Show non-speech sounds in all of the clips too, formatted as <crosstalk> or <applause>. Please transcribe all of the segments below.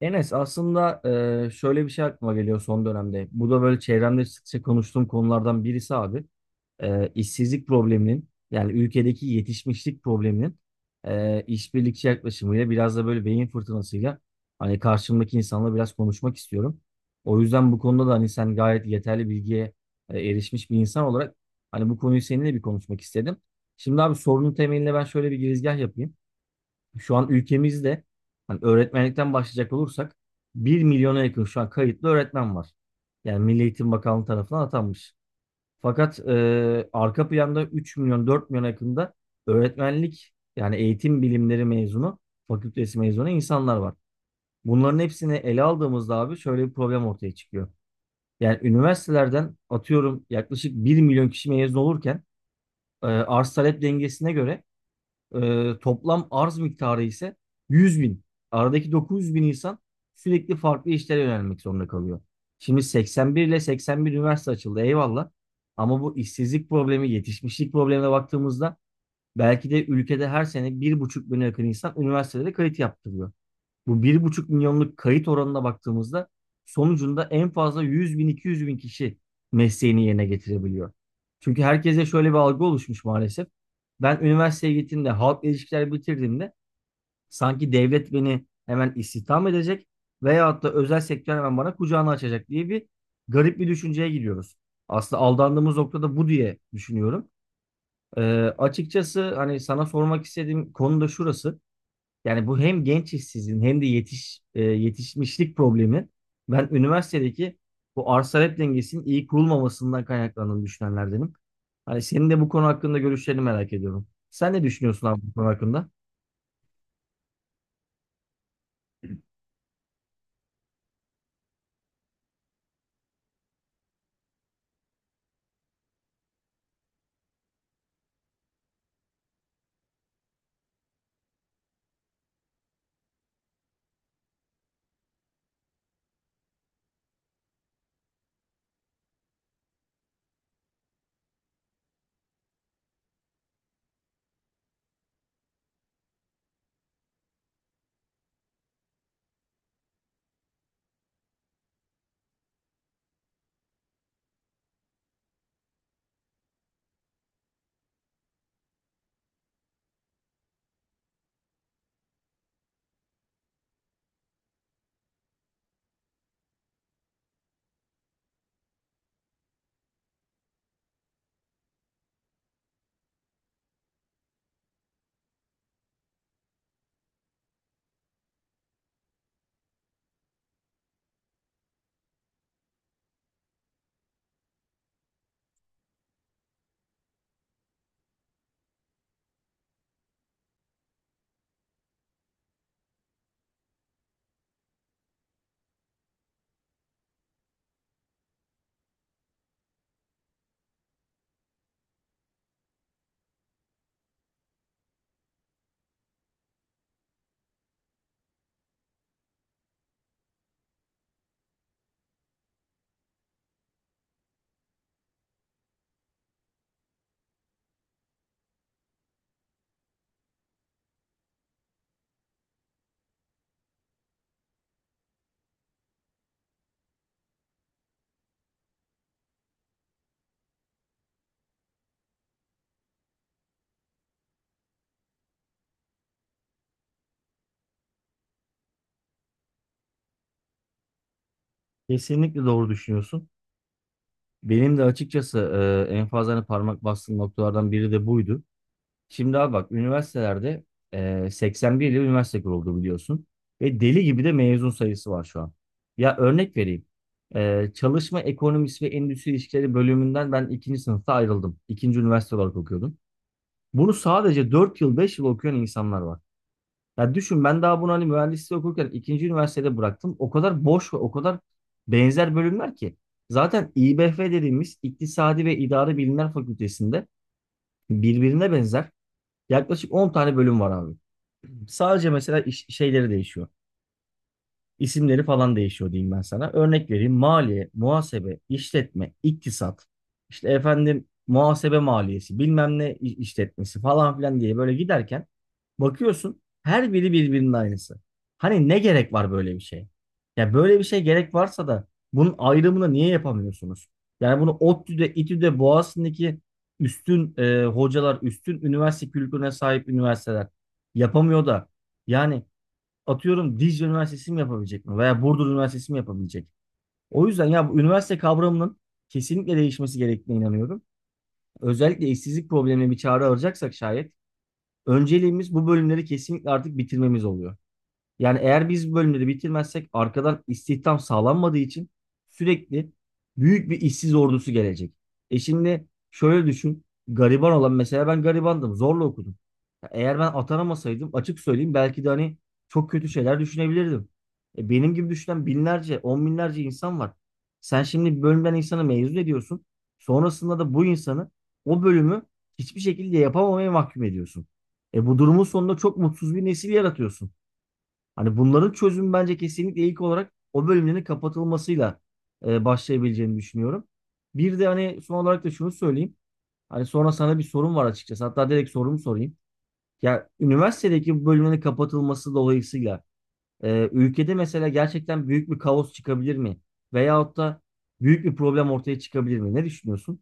Enes aslında şöyle bir şey aklıma geliyor son dönemde. Bu da böyle çevremde sıkça konuştuğum konulardan birisi abi. İşsizlik probleminin yani ülkedeki yetişmişlik probleminin işbirlikçi yaklaşımıyla biraz da böyle beyin fırtınasıyla hani karşımdaki insanla biraz konuşmak istiyorum. O yüzden bu konuda da hani sen gayet yeterli bilgiye erişmiş bir insan olarak hani bu konuyu seninle bir konuşmak istedim. Şimdi abi sorunun temeline ben şöyle bir girizgah yapayım, şu an ülkemizde hani öğretmenlikten başlayacak olursak bir milyona yakın şu an kayıtlı öğretmen var. Yani Milli Eğitim Bakanlığı tarafından atanmış. Fakat arka planda 3 milyon 4 milyona yakında öğretmenlik yani eğitim bilimleri mezunu, fakültesi mezunu insanlar var. Bunların hepsini ele aldığımızda abi şöyle bir problem ortaya çıkıyor. Yani üniversitelerden atıyorum yaklaşık bir milyon kişi mezun olurken arz talep dengesine göre toplam arz miktarı ise 100 bin. Aradaki 900 bin insan sürekli farklı işlere yönelmek zorunda kalıyor. Şimdi 81 ile 81 üniversite açıldı, eyvallah. Ama bu işsizlik problemi, yetişmişlik problemine baktığımızda belki de ülkede her sene bir buçuk bine yakın insan üniversitelere kayıt yaptırıyor. Bu bir buçuk milyonluk kayıt oranına baktığımızda sonucunda en fazla 100 bin 200 bin kişi mesleğini yerine getirebiliyor. Çünkü herkese şöyle bir algı oluşmuş maalesef. Ben üniversiteye gittiğimde halkla ilişkiler bitirdiğimde sanki devlet beni hemen istihdam edecek veyahut da özel sektör hemen bana kucağını açacak diye bir garip bir düşünceye gidiyoruz. Aslında aldandığımız noktada bu diye düşünüyorum. Ee, Açıkçası hani sana sormak istediğim konu da şurası. Yani bu hem genç işsizliğin hem de yetişmişlik problemi. Ben üniversitedeki bu arz talep dengesinin iyi kurulmamasından kaynaklandığını düşünenlerdenim. Hani senin de bu konu hakkında görüşlerini merak ediyorum. Sen ne düşünüyorsun abi bu konu hakkında? Kesinlikle doğru düşünüyorsun. Benim de açıkçası en fazla hani parmak bastığım noktalardan biri de buydu. Şimdi abi bak üniversitelerde 81 yıl üniversite kuruldu biliyorsun. Ve deli gibi de mezun sayısı var şu an. Ya örnek vereyim. Çalışma ekonomisi ve endüstri ilişkileri bölümünden ben ikinci sınıfta ayrıldım. İkinci üniversite olarak okuyordum. Bunu sadece 4 yıl 5 yıl okuyan insanlar var. Ya düşün, ben daha bunu hani mühendisliği okurken ikinci üniversitede bıraktım. O kadar boş ve o kadar benzer bölümler ki. Zaten İBF dediğimiz İktisadi ve İdari Bilimler Fakültesinde birbirine benzer yaklaşık 10 tane bölüm var abi. Sadece mesela şeyleri değişiyor, isimleri falan değişiyor diyeyim ben sana. Örnek vereyim. Maliye, muhasebe, işletme, iktisat. İşte efendim muhasebe maliyesi, bilmem ne işletmesi falan filan diye böyle giderken bakıyorsun her biri birbirinin aynısı. Hani ne gerek var böyle bir şeye? Ya böyle bir şey gerek varsa da bunun ayrımını niye yapamıyorsunuz? Yani bunu ODTÜ'de, İTÜ'de, Boğaziçi'ndeki üstün hocalar, üstün üniversite kültürüne sahip üniversiteler yapamıyor da yani atıyorum Dicle Üniversitesi mi yapabilecek mi? Veya Burdur Üniversitesi mi yapabilecek? O yüzden ya bu üniversite kavramının kesinlikle değişmesi gerektiğine inanıyorum. Özellikle işsizlik problemine bir çare arayacaksak şayet önceliğimiz bu bölümleri kesinlikle artık bitirmemiz oluyor. Yani eğer biz bu bölümleri bitirmezsek arkadan istihdam sağlanmadığı için sürekli büyük bir işsiz ordusu gelecek. E şimdi şöyle düşün. Gariban olan, mesela ben garibandım. Zorla okudum. Eğer ben atanamasaydım açık söyleyeyim belki de hani çok kötü şeyler düşünebilirdim. Benim gibi düşünen binlerce, on binlerce insan var. Sen şimdi bir bölümden insanı mezun ediyorsun. Sonrasında da bu insanı o bölümü hiçbir şekilde yapamamaya mahkum ediyorsun. Bu durumun sonunda çok mutsuz bir nesil yaratıyorsun. Hani bunların çözümü bence kesinlikle ilk olarak o bölümlerin kapatılmasıyla başlayabileceğini düşünüyorum. Bir de hani son olarak da şunu söyleyeyim. Hani sonra sana bir sorum var açıkçası. Hatta direkt sorumu sorayım. Ya üniversitedeki bu bölümün kapatılması dolayısıyla ülkede mesela gerçekten büyük bir kaos çıkabilir mi? Veyahut da büyük bir problem ortaya çıkabilir mi? Ne düşünüyorsun?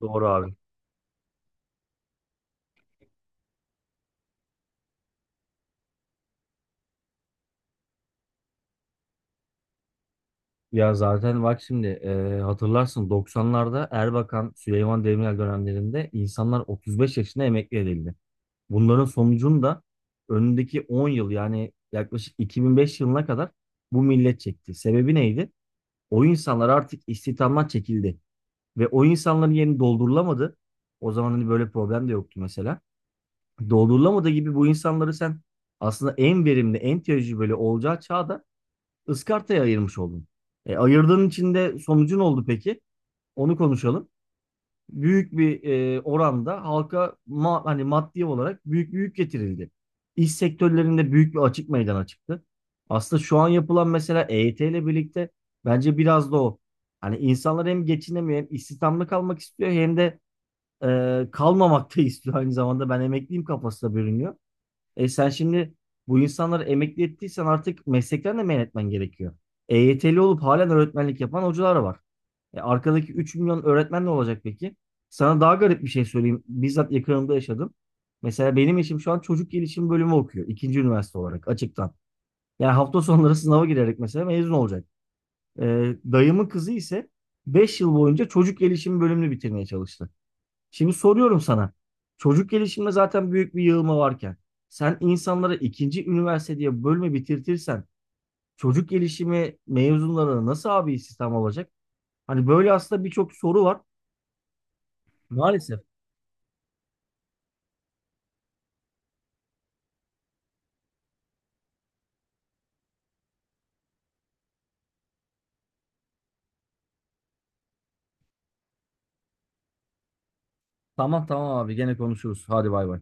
Doğru abi. Ya zaten bak şimdi hatırlarsın 90'larda Erbakan, Süleyman Demirel dönemlerinde insanlar 35 yaşında emekli edildi. Bunların sonucunda önündeki 10 yıl yani yaklaşık 2005 yılına kadar bu millet çekti. Sebebi neydi? O insanlar artık istihdamdan çekildi. Ve o insanların yerini doldurulamadı. O zaman hani böyle problem de yoktu mesela. Doldurulamadığı gibi bu insanları sen aslında en verimli, en tecrübeli olacağı çağda ıskartaya ayırmış oldun. Ayırdığın için de sonucu ne oldu peki? Onu konuşalım. Büyük bir oranda halka hani maddi olarak büyük bir yük getirildi. İş sektörlerinde büyük bir açık meydana çıktı. Aslında şu an yapılan mesela EYT ile birlikte bence biraz da o. Hani insanlar hem geçinemiyor hem istihdamlı kalmak istiyor hem de kalmamak da <laughs> istiyor aynı zamanda. Ben emekliyim kafasına bürünüyor. E sen şimdi bu insanları emekli ettiysen artık meslekten de men etmen gerekiyor. EYT'li olup halen öğretmenlik yapan hocalar var. Arkadaki 3 milyon öğretmen ne olacak peki? Sana daha garip bir şey söyleyeyim. Bizzat yakınımda yaşadım. Mesela benim eşim şu an çocuk gelişim bölümü okuyor. İkinci üniversite olarak açıktan. Yani hafta sonları <laughs> sınava girerek mesela mezun olacak. E, Dayımın kızı ise 5 yıl boyunca çocuk gelişim bölümünü bitirmeye çalıştı. Şimdi soruyorum sana. Çocuk gelişiminde zaten büyük bir yığılma varken sen insanlara ikinci üniversite diye bölme bitirtirsen çocuk gelişimi mezunlarına nasıl abi istihdam olacak? Hani böyle aslında birçok soru var. Maalesef. Tamam tamam abi gene konuşuruz. Hadi bay bay.